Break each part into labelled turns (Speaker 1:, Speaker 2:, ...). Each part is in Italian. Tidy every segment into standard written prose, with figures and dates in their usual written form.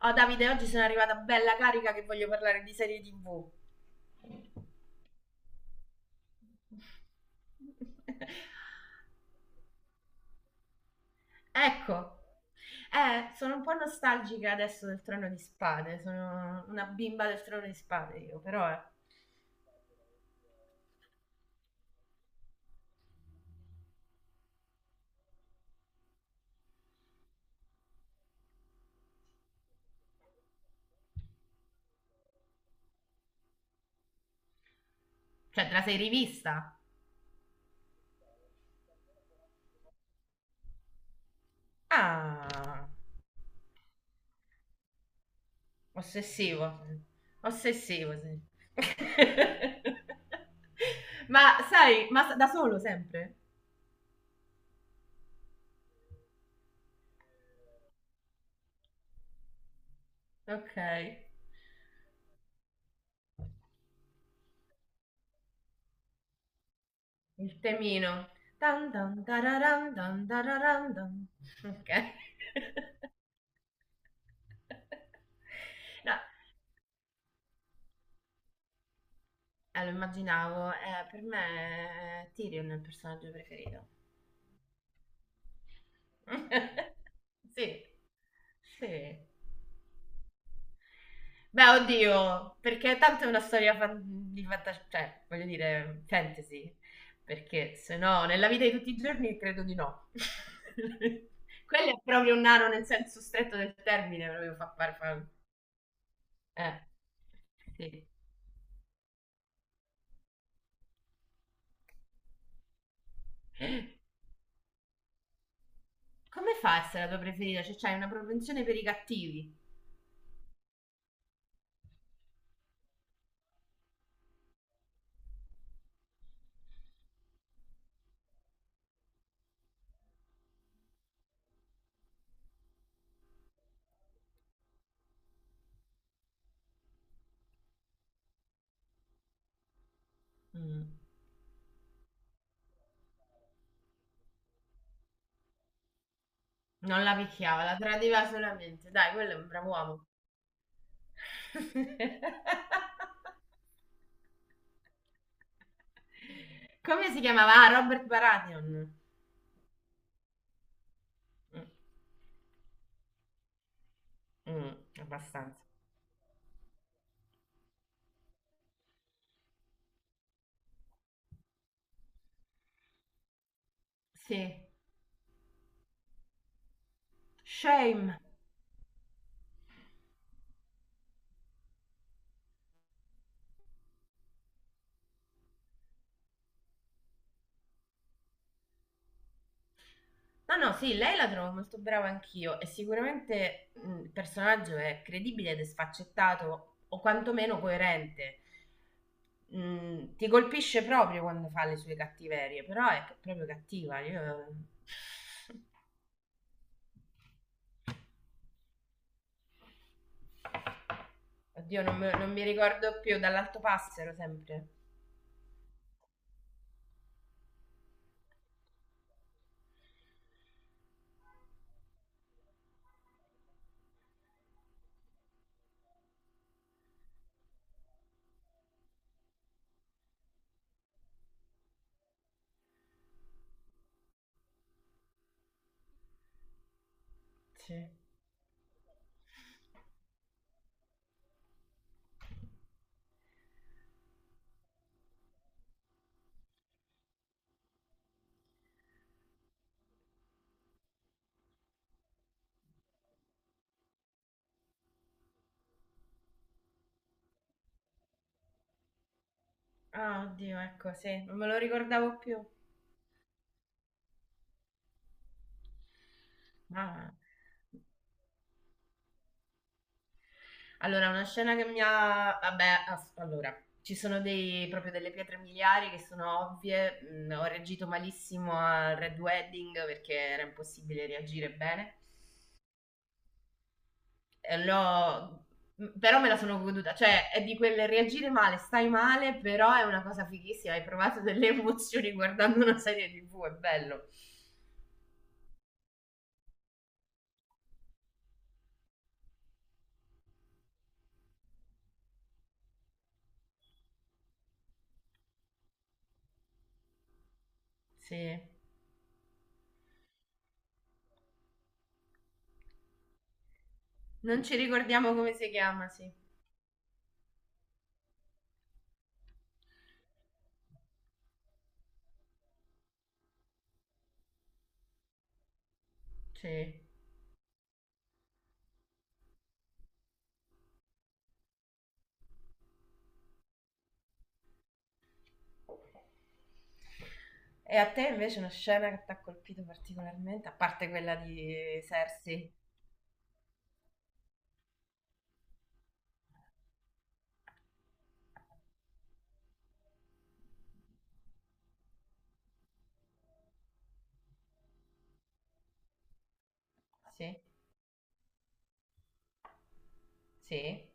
Speaker 1: Oh Davide, oggi sono arrivata bella carica che voglio parlare di serie TV. Ecco, sono un po' nostalgica adesso del Trono di Spade, sono una bimba del Trono di Spade io, però. Cioè, te la sei rivista? Ah, ossessivo. Ossessivo, sì. Ma sai, ma da solo sempre? Ok. Il temino. Tan tan tararam, tan tararam, tan. Ok. No, lo immaginavo, per me Tyrion è il personaggio preferito. Sì, sì. Beh, oddio, perché tanto è una storia di fantascienza, cioè, voglio dire, fantasy, perché se no, nella vita di tutti i giorni credo di no. Quello è proprio un nano nel senso stretto del termine, proprio Eh, sì. Come fa a essere la tua preferita? Cioè, c'hai una propensione per i cattivi. Mm. Non la picchiava, la tradiva solamente. Dai, quello è un bravo uomo. Come si chiamava? Ah, Robert Baratheon. Mm, mm, abbastanza. Sì. Shame. No, no, sì, lei la trovo molto brava anch'io e sicuramente il personaggio è credibile ed è sfaccettato o quantomeno coerente. Mm, ti colpisce proprio quando fa le sue cattiverie, però è proprio cattiva. Io... Oddio, non mi ricordo più, dall'alto passero sempre. Sì. Ah, oddio, ecco, sì, non me lo ricordavo più. Ma Allora, una scena che mi ha... Vabbè, allora, ci sono proprio delle pietre miliari che sono ovvie. Mm, ho reagito malissimo al Red Wedding perché era impossibile reagire bene. Eh, l'ho- Però me la sono goduta. Cioè, è di quel reagire male, stai male, però è una cosa fighissima. Hai provato delle emozioni guardando una serie TV, è bello. Sì. Non ci ricordiamo come si chiama, sì. Sì. E a te invece una scena che ti ha colpito particolarmente, a parte quella di Cersei? Sì? Sì?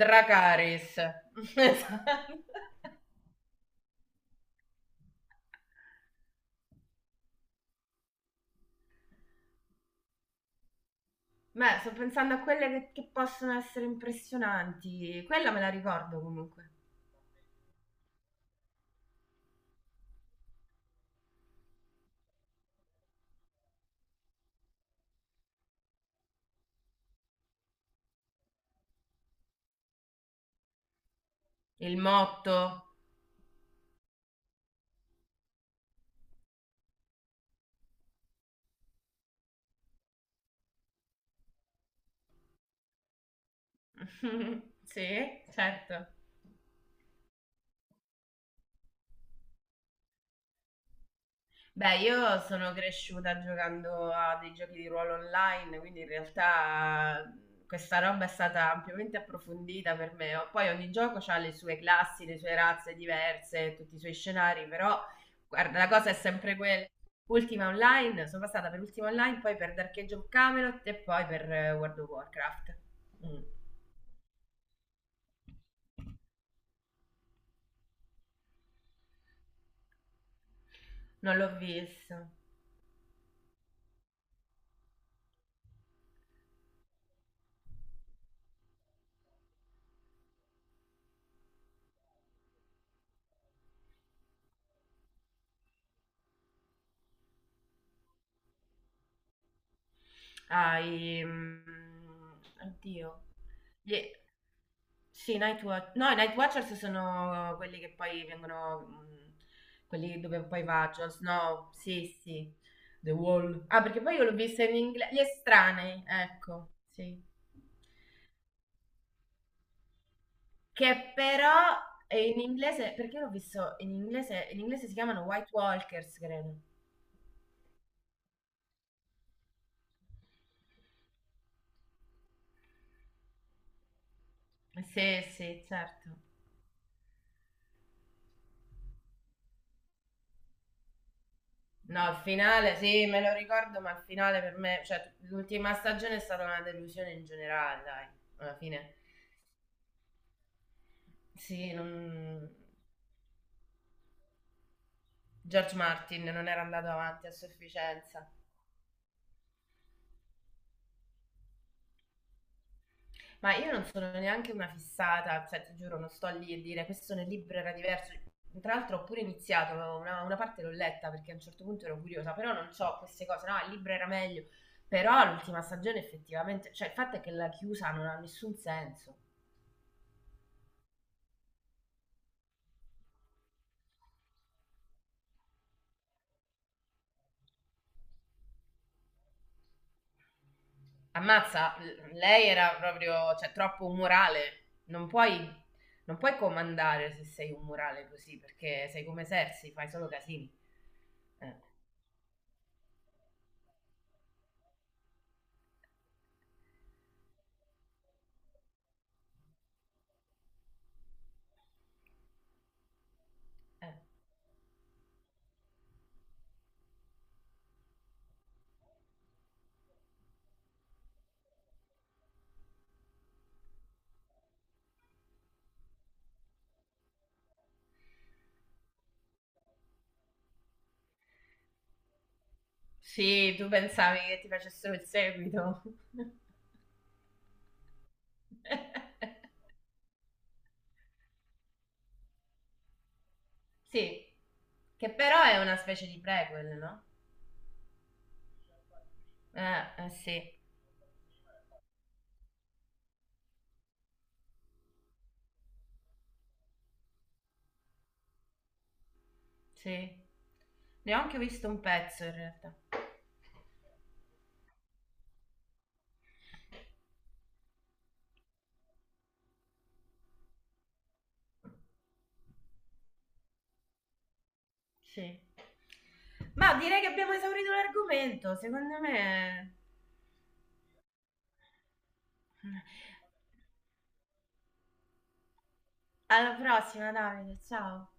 Speaker 1: Dracaris. Beh, sto pensando a quelle che possono essere impressionanti. Quella me la ricordo comunque. Il motto. Sì, certo. Beh, io sono cresciuta giocando a dei giochi di ruolo online, quindi in realtà questa roba è stata ampiamente approfondita per me. Poi ogni gioco ha le sue classi, le sue razze diverse, tutti i suoi scenari, però guarda, la cosa è sempre quella. Ultima Online, sono passata per Ultima Online, poi per Dark Age of Camelot e poi per World of Warcraft. Mm. Non l'ho visto. Ah, i mhmm, oddio. Gli Sì, Nightwa no, i Nightwatchers sono quelli che poi vengono mhmm, quelli dove poi va Jon Snow. Sì, sì. The Wall. Ah, perché poi io l'ho vista in ingle Gli Estranei, ecco, sì. Che però è in inglese perché l'ho visto in inglese si chiamano White Walkers credo. Sì, sì, certo. No, il finale sì, me lo ricordo, ma il finale per me, cioè l'ultima stagione è stata una delusione in generale, dai, alla fine. Sì, non... George Martin non era andato avanti a sufficienza. Ma io non sono neanche una fissata, cioè ti giuro, non sto lì a dire questo nel libro era diverso. Tra l'altro ho pure iniziato, una parte l'ho letta perché a un certo punto ero curiosa, però non ho queste cose, no, il libro era meglio. Però l'ultima stagione effettivamente, cioè il fatto è che la chiusa non ha nessun senso. Ammazza, lei era proprio, cioè, troppo umorale. Non puoi comandare se sei umorale così, perché sei come Sersi, fai solo casini. Eh, eh. Sì, tu pensavi che ti facessero il seguito. Sì, che però è una specie di prequel, no? Sì, sì. Ne ho anche visto un pezzo in realtà. Sì. Ma direi che abbiamo esaurito l'argomento, secondo me. Alla prossima Davide, ciao.